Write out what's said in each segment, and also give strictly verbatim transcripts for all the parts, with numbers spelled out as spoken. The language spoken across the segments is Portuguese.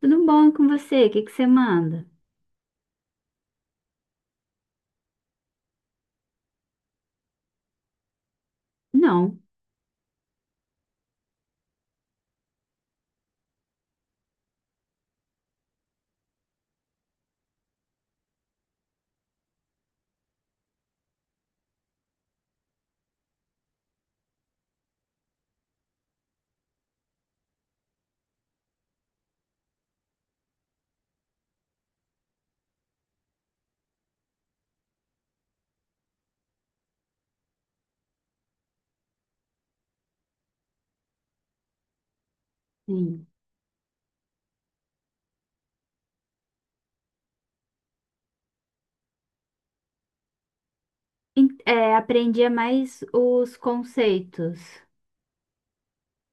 Tudo bom com você? O que que você manda? Não. Sim. En- É, aprendia mais os conceitos.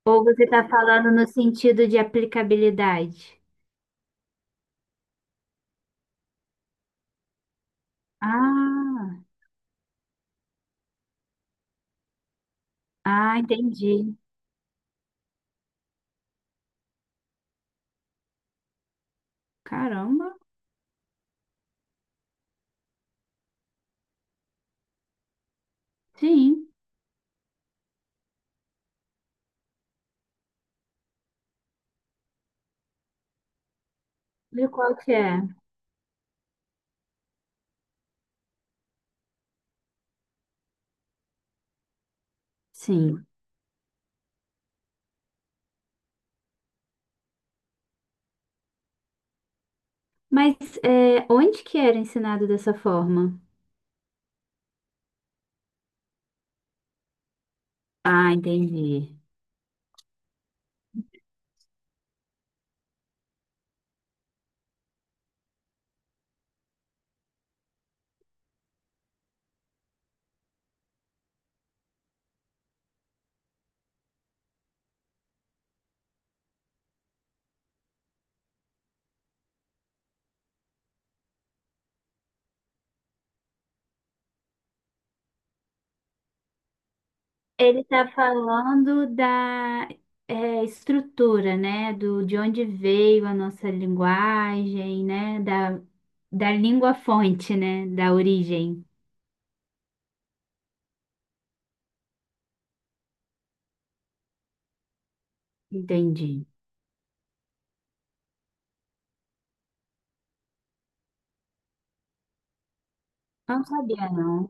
Ou você está falando no sentido de aplicabilidade? Ah, ah, entendi. Caramba. Sim. De qual que é? Sim. Mas é, onde que era ensinado dessa forma? Ah, entendi. Ele está falando da é, estrutura, né? Do, de onde veio a nossa linguagem, né? Da, da língua fonte, né? Da origem. Entendi. Não sabia, não.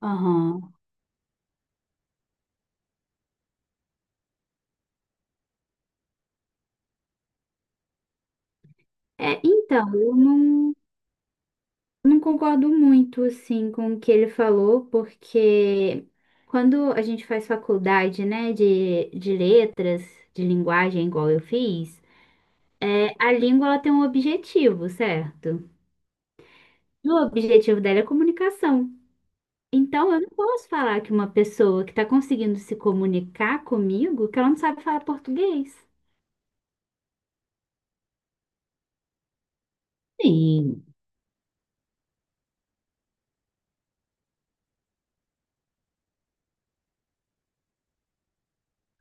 Aham. É, então, eu não, não concordo muito, assim, com o que ele falou, porque quando a gente faz faculdade, né, de, de letras, de linguagem, igual eu fiz, é, a língua ela tem um objetivo, certo? E o objetivo dela é comunicação. Então, eu não posso falar que uma pessoa que está conseguindo se comunicar comigo, que ela não sabe falar português. Sim,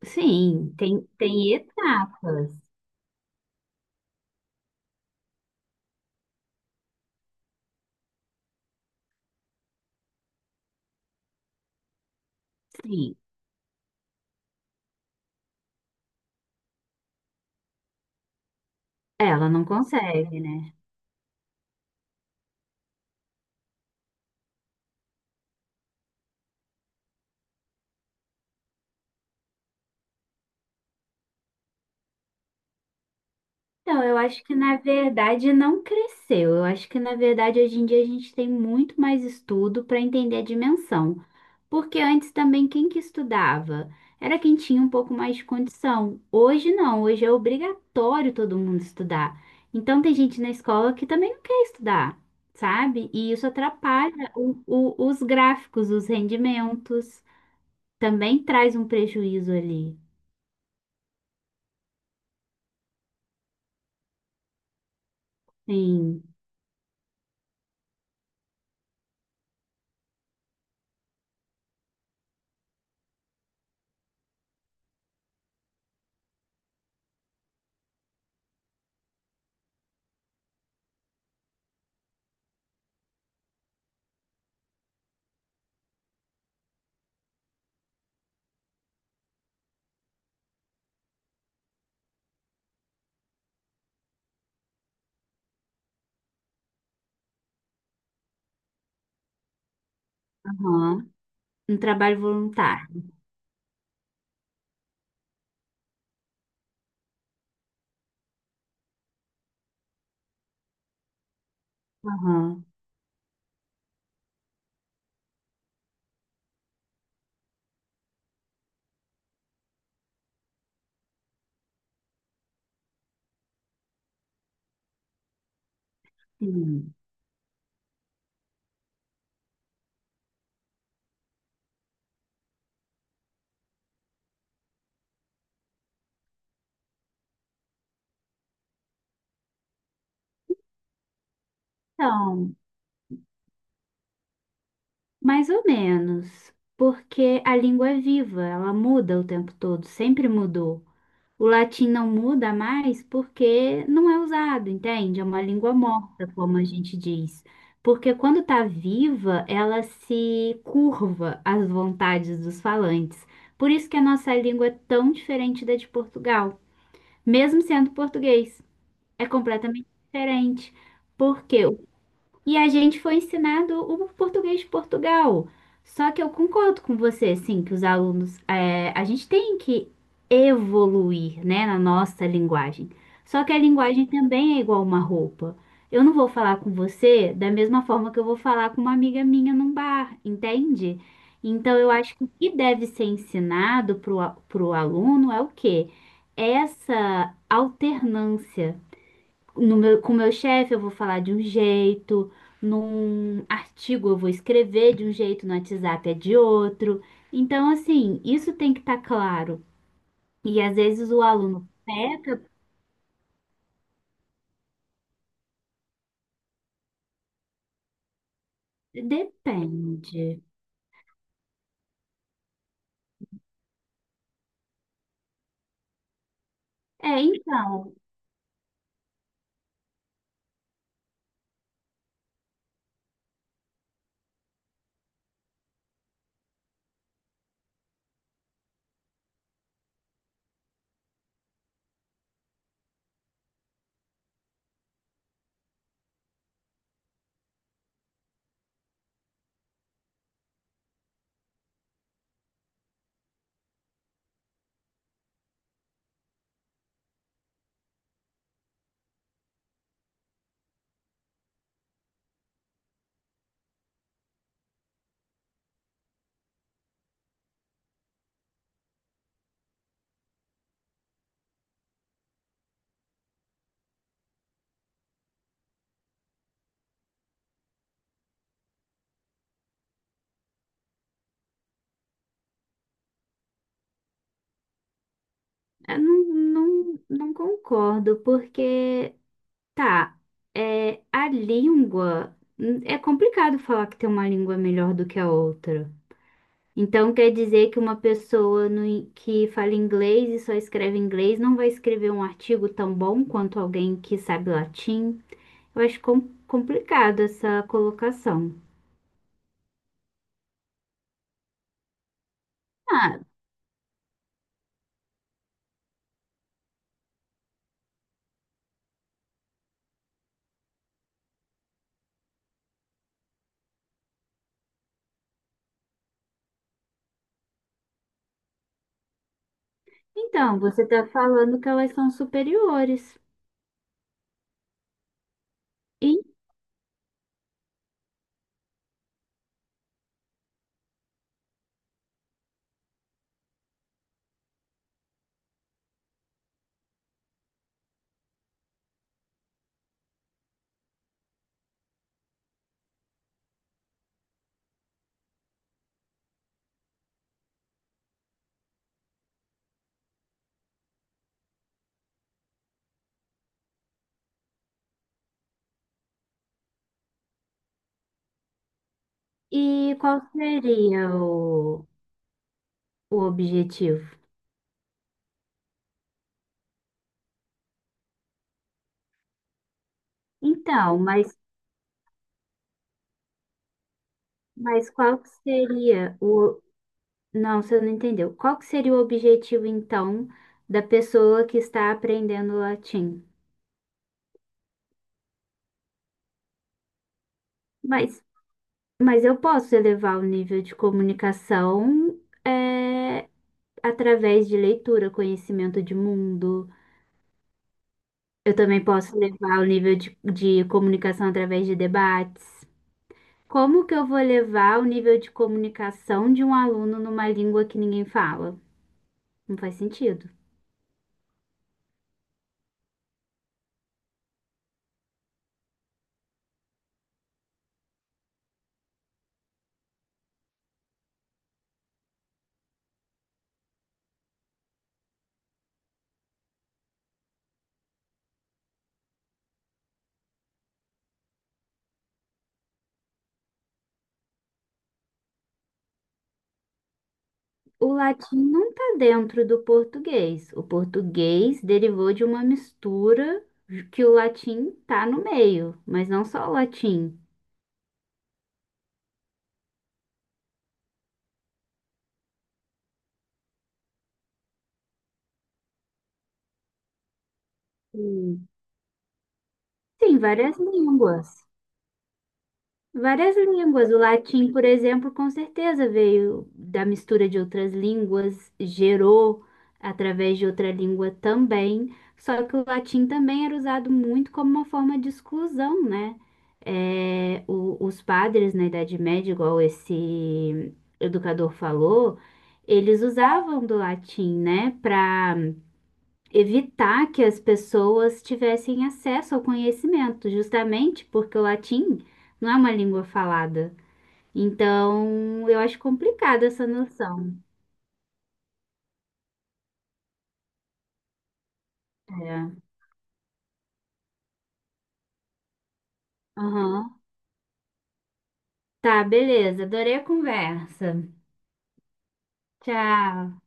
sim, tem, tem etapas. Sim, ela não consegue, né? Então, eu acho que na verdade não cresceu. Eu acho que na verdade hoje em dia a gente tem muito mais estudo para entender a dimensão. Porque antes também quem que estudava? Era quem tinha um pouco mais de condição. Hoje não, hoje é obrigatório todo mundo estudar. Então tem gente na escola que também não quer estudar, sabe? E isso atrapalha o- o- os gráficos, os rendimentos. Também traz um prejuízo ali. Sim. Aham. Um trabalho voluntário. Aham. Sim. Então, mais ou menos, porque a língua é viva, ela muda o tempo todo, sempre mudou. O latim não muda mais porque não é usado, entende? É uma língua morta, como a gente diz. Porque quando está viva, ela se curva às vontades dos falantes. Por isso que a nossa língua é tão diferente da de Portugal, mesmo sendo português. É completamente diferente. Porque E a gente foi ensinado o português de Portugal. Só que eu concordo com você, assim, que os alunos, é, a gente tem que evoluir, né, na nossa linguagem. Só que a linguagem também é igual uma roupa. Eu não vou falar com você da mesma forma que eu vou falar com uma amiga minha num bar, entende? Então, eu acho que o que deve ser ensinado para o aluno é o quê? Essa alternância. No meu, com o meu chefe, eu vou falar de um jeito, num artigo, eu vou escrever de um jeito, no WhatsApp é de outro. Então, assim, isso tem que estar claro. E às vezes o aluno peca, depende. É, então, eu não, não, não concordo, porque, tá, é, a língua. É complicado falar que tem uma língua melhor do que a outra. Então quer dizer que uma pessoa no in- que fala inglês e só escreve inglês não vai escrever um artigo tão bom quanto alguém que sabe latim? Eu acho com- complicado essa colocação. Ah, então você está falando que elas são superiores. E, e qual seria o, o objetivo? Então, mas, mas qual que seria o... Não, você não entendeu. Qual que seria o objetivo, então, da pessoa que está aprendendo latim? Mas Mas eu posso elevar o nível de comunicação é, através de leitura, conhecimento de mundo. Eu também posso levar o nível de, de comunicação através de debates. Como que eu vou levar o nível de comunicação de um aluno numa língua que ninguém fala? Não faz sentido. O latim não está dentro do português. O português derivou de uma mistura que o latim está no meio, mas não só o latim. Sim, várias línguas. Várias línguas. O latim, por exemplo, com certeza veio da mistura de outras línguas, gerou através de outra língua também. Só que o latim também era usado muito como uma forma de exclusão, né? É, o- os padres na Idade Média, igual esse educador falou, eles usavam do latim, né, para evitar que as pessoas tivessem acesso ao conhecimento, justamente porque o latim não é uma língua falada. Então, eu acho complicada essa noção. É. Aham. Tá, beleza. Adorei a conversa. Tchau.